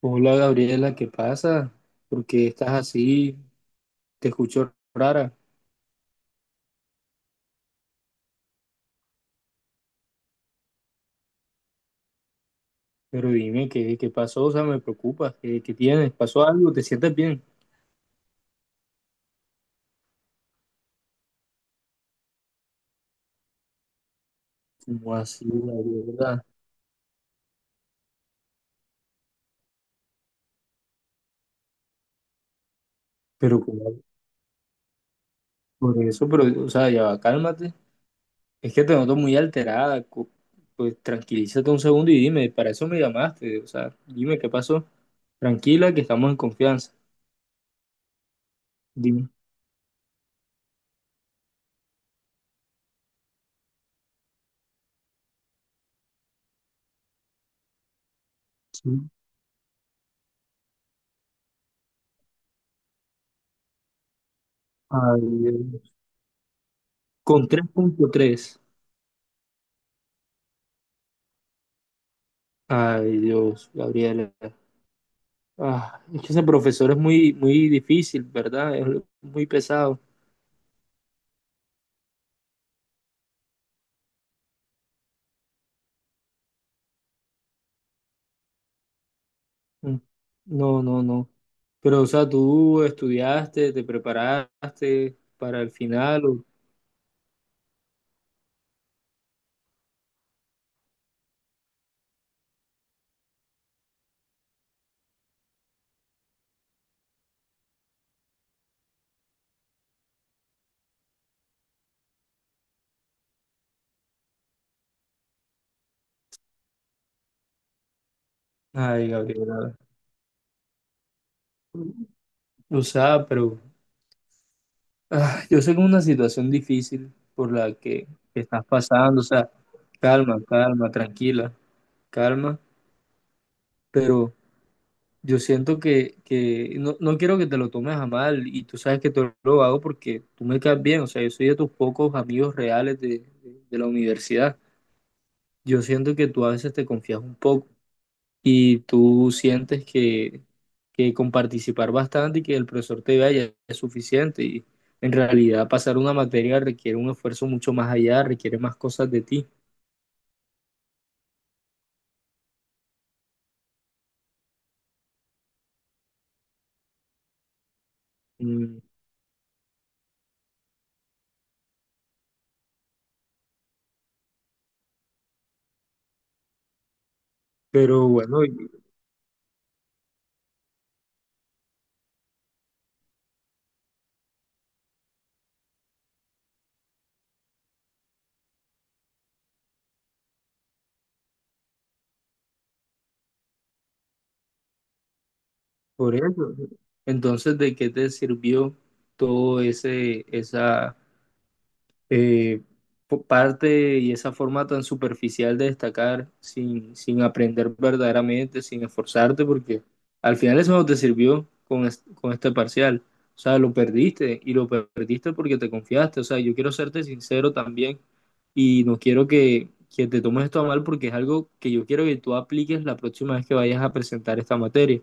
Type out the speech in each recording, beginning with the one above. Hola Gabriela, ¿qué pasa? ¿Por qué estás así? Te escucho rara, pero dime qué pasó, o sea, me preocupa, ¿qué tienes? ¿Pasó algo? ¿Te sientes bien? ¿Cómo así, Gabriela? Pero ¿cómo? Por eso, pero, o sea, ya va, cálmate. Es que te noto muy alterada, pues tranquilízate un segundo y dime, para eso me llamaste, o sea, dime qué pasó. Tranquila, que estamos en confianza. Dime. Sí. Ay, Dios. Con tres. Punto tres. Ay, Dios, Gabriela. Ah, es que ese profesor es muy difícil, ¿verdad? Es muy pesado. Mm. No, no, no. Pero, o sea, tú estudiaste, te preparaste para el final. Ay, Gabriela. O sea, pero ah, yo sé que es una situación difícil por la que estás pasando. O sea, calma, tranquila, calma. Pero yo siento que no, no quiero que te lo tomes a mal y tú sabes que te lo hago porque tú me caes bien, o sea, yo soy de tus pocos amigos reales de la universidad. Yo siento que tú a veces te confías un poco y tú sientes que con participar bastante y que el profesor te vea ya es suficiente y en realidad pasar una materia requiere un esfuerzo mucho más allá, requiere más cosas de ti. Mm, pero bueno, por eso. Entonces, ¿de qué te sirvió todo esa eh, parte y esa forma tan superficial de destacar sin aprender verdaderamente, sin esforzarte? Porque al final eso no te sirvió con este parcial. O sea, lo perdiste y perdiste porque te confiaste. O sea, yo quiero serte sincero también y no quiero que te tomes esto a mal porque es algo que yo quiero que tú apliques la próxima vez que vayas a presentar esta materia.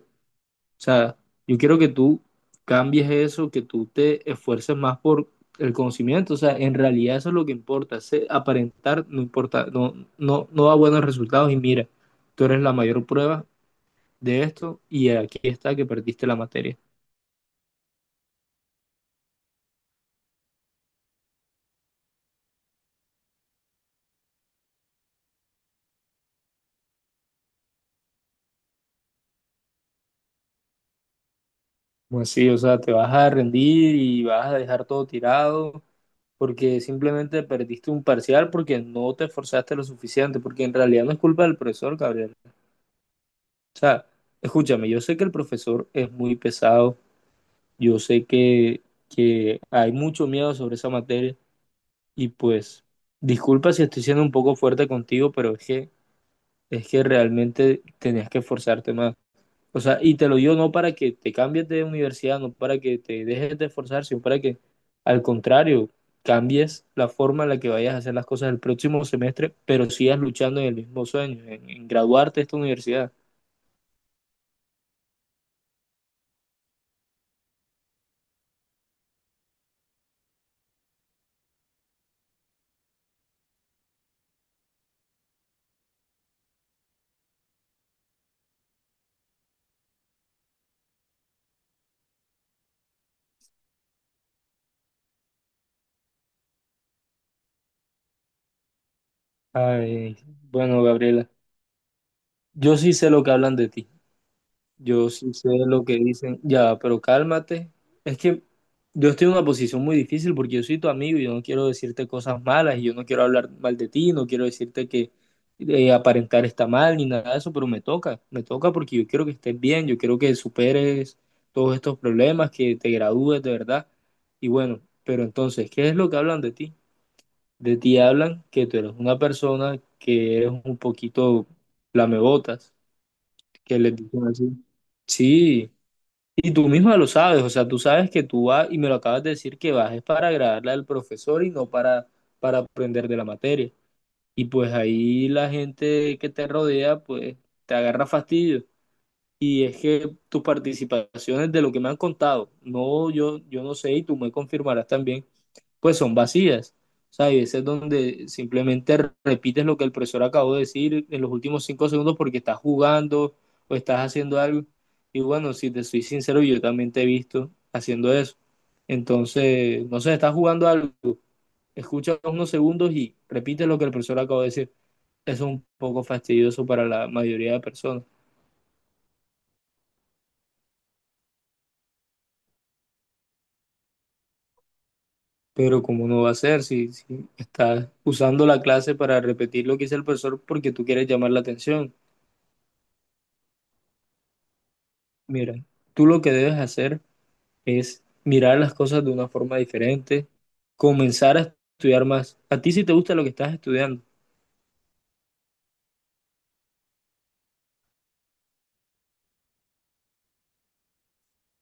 O sea, yo quiero que tú cambies eso, que tú te esfuerces más por el conocimiento. O sea, en realidad eso es lo que importa. Ese aparentar no importa, no da buenos resultados. Y mira, tú eres la mayor prueba de esto y aquí está que perdiste la materia. Pues sí, o sea, te vas a rendir y vas a dejar todo tirado porque simplemente perdiste un parcial porque no te esforzaste lo suficiente, porque en realidad no es culpa del profesor, Gabriel. O sea, escúchame, yo sé que el profesor es muy pesado. Yo sé que hay mucho miedo sobre esa materia y pues disculpa si estoy siendo un poco fuerte contigo, pero es que realmente tenías que esforzarte más. O sea, y te lo digo no para que te cambies de universidad, no para que te dejes de esforzar, sino para que al contrario, cambies la forma en la que vayas a hacer las cosas el próximo semestre, pero sigas luchando en el mismo sueño, en graduarte de esta universidad. Ay, bueno, Gabriela, yo sí sé lo que hablan de ti. Yo sí sé lo que dicen, ya, pero cálmate. Es que yo estoy en una posición muy difícil porque yo soy tu amigo y yo no quiero decirte cosas malas y yo no quiero hablar mal de ti, no quiero decirte que aparentar está mal ni nada de eso, pero me toca porque yo quiero que estés bien, yo quiero que superes todos estos problemas, que te gradúes de verdad. Y bueno, pero entonces, ¿qué es lo que hablan de ti? De ti hablan que tú eres una persona que eres un poquito lamebotas, que les dicen así. Sí, y tú misma lo sabes, o sea, tú sabes que tú vas, y me lo acabas de decir, que vas es para agradarle al profesor y no para aprender de la materia. Y pues ahí la gente que te rodea, pues te agarra fastidio. Y es que tus participaciones de lo que me han contado, no, yo no sé, y tú me confirmarás también, pues son vacías. O sea, hay veces donde simplemente repites lo que el profesor acabó de decir en los últimos 5 segundos porque estás jugando o estás haciendo algo. Y bueno, si te soy sincero, yo también te he visto haciendo eso. Entonces, no sé, estás jugando algo, escucha unos segundos y repite lo que el profesor acabó de decir. Eso es un poco fastidioso para la mayoría de personas. Pero ¿cómo no va a ser si estás usando la clase para repetir lo que dice el profesor porque tú quieres llamar la atención? Mira, tú lo que debes hacer es mirar las cosas de una forma diferente, comenzar a estudiar más. A ti sí te gusta lo que estás estudiando,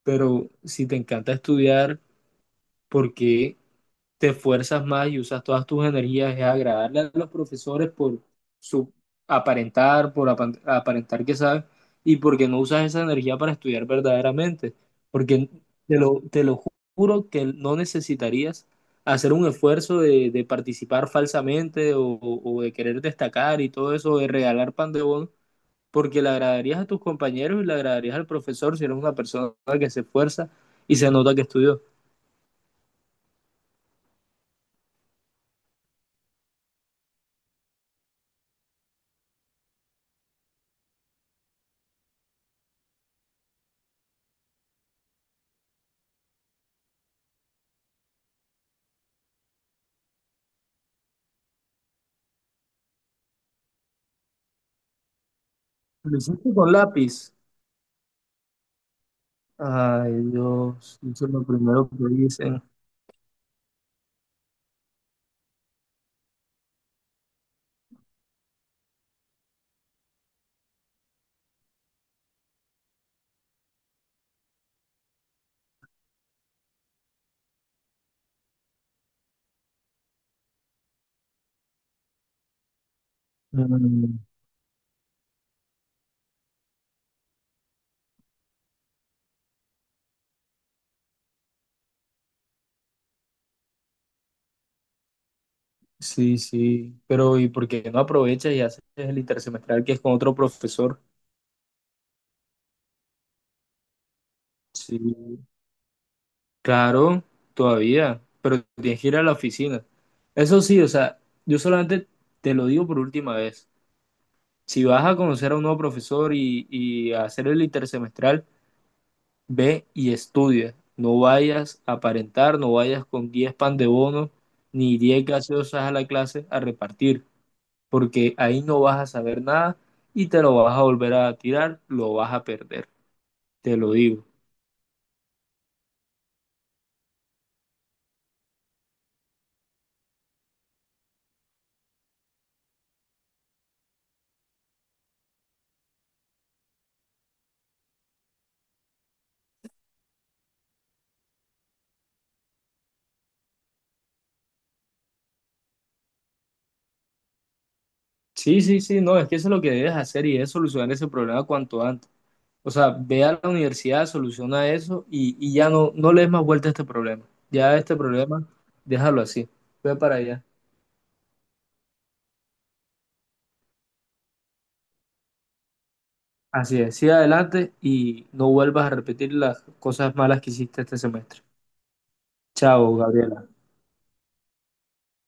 pero si te encanta estudiar, ¿por qué? Te esfuerzas más y usas todas tus energías es agradarle a los profesores por su aparentar, por aparentar que sabes, y porque no usas esa energía para estudiar verdaderamente. Porque te lo juro que no necesitarías hacer un esfuerzo de participar falsamente o de querer destacar y todo eso, de regalar pan de bono, porque le agradarías a tus compañeros y le agradarías al profesor si eres una persona que se esfuerza y se nota que estudió. Lo hiciste con lápiz. Ay, Dios, eso es lo primero que dicen. Mm, sí, pero ¿y por qué no aprovechas y haces el intersemestral que es con otro profesor? Sí, claro, todavía, pero tienes que ir a la oficina. Eso sí, o sea, yo solamente te lo digo por última vez. Si vas a conocer a un nuevo profesor y a hacer el intersemestral, ve y estudia. No vayas a aparentar, no vayas con 10 pan de bono ni 10 gaseosas a la clase a repartir, porque ahí no vas a saber nada y te lo vas a volver a tirar, lo vas a perder, te lo digo. Sí, sí, sí, no, es que eso es lo que debes hacer y es solucionar ese problema cuanto antes. O sea, ve a la universidad, soluciona eso y ya no, no le des más vuelta a este problema. Ya este problema, déjalo así, ve para allá. Así es, sigue adelante y no vuelvas a repetir las cosas malas que hiciste este semestre. Chao, Gabriela.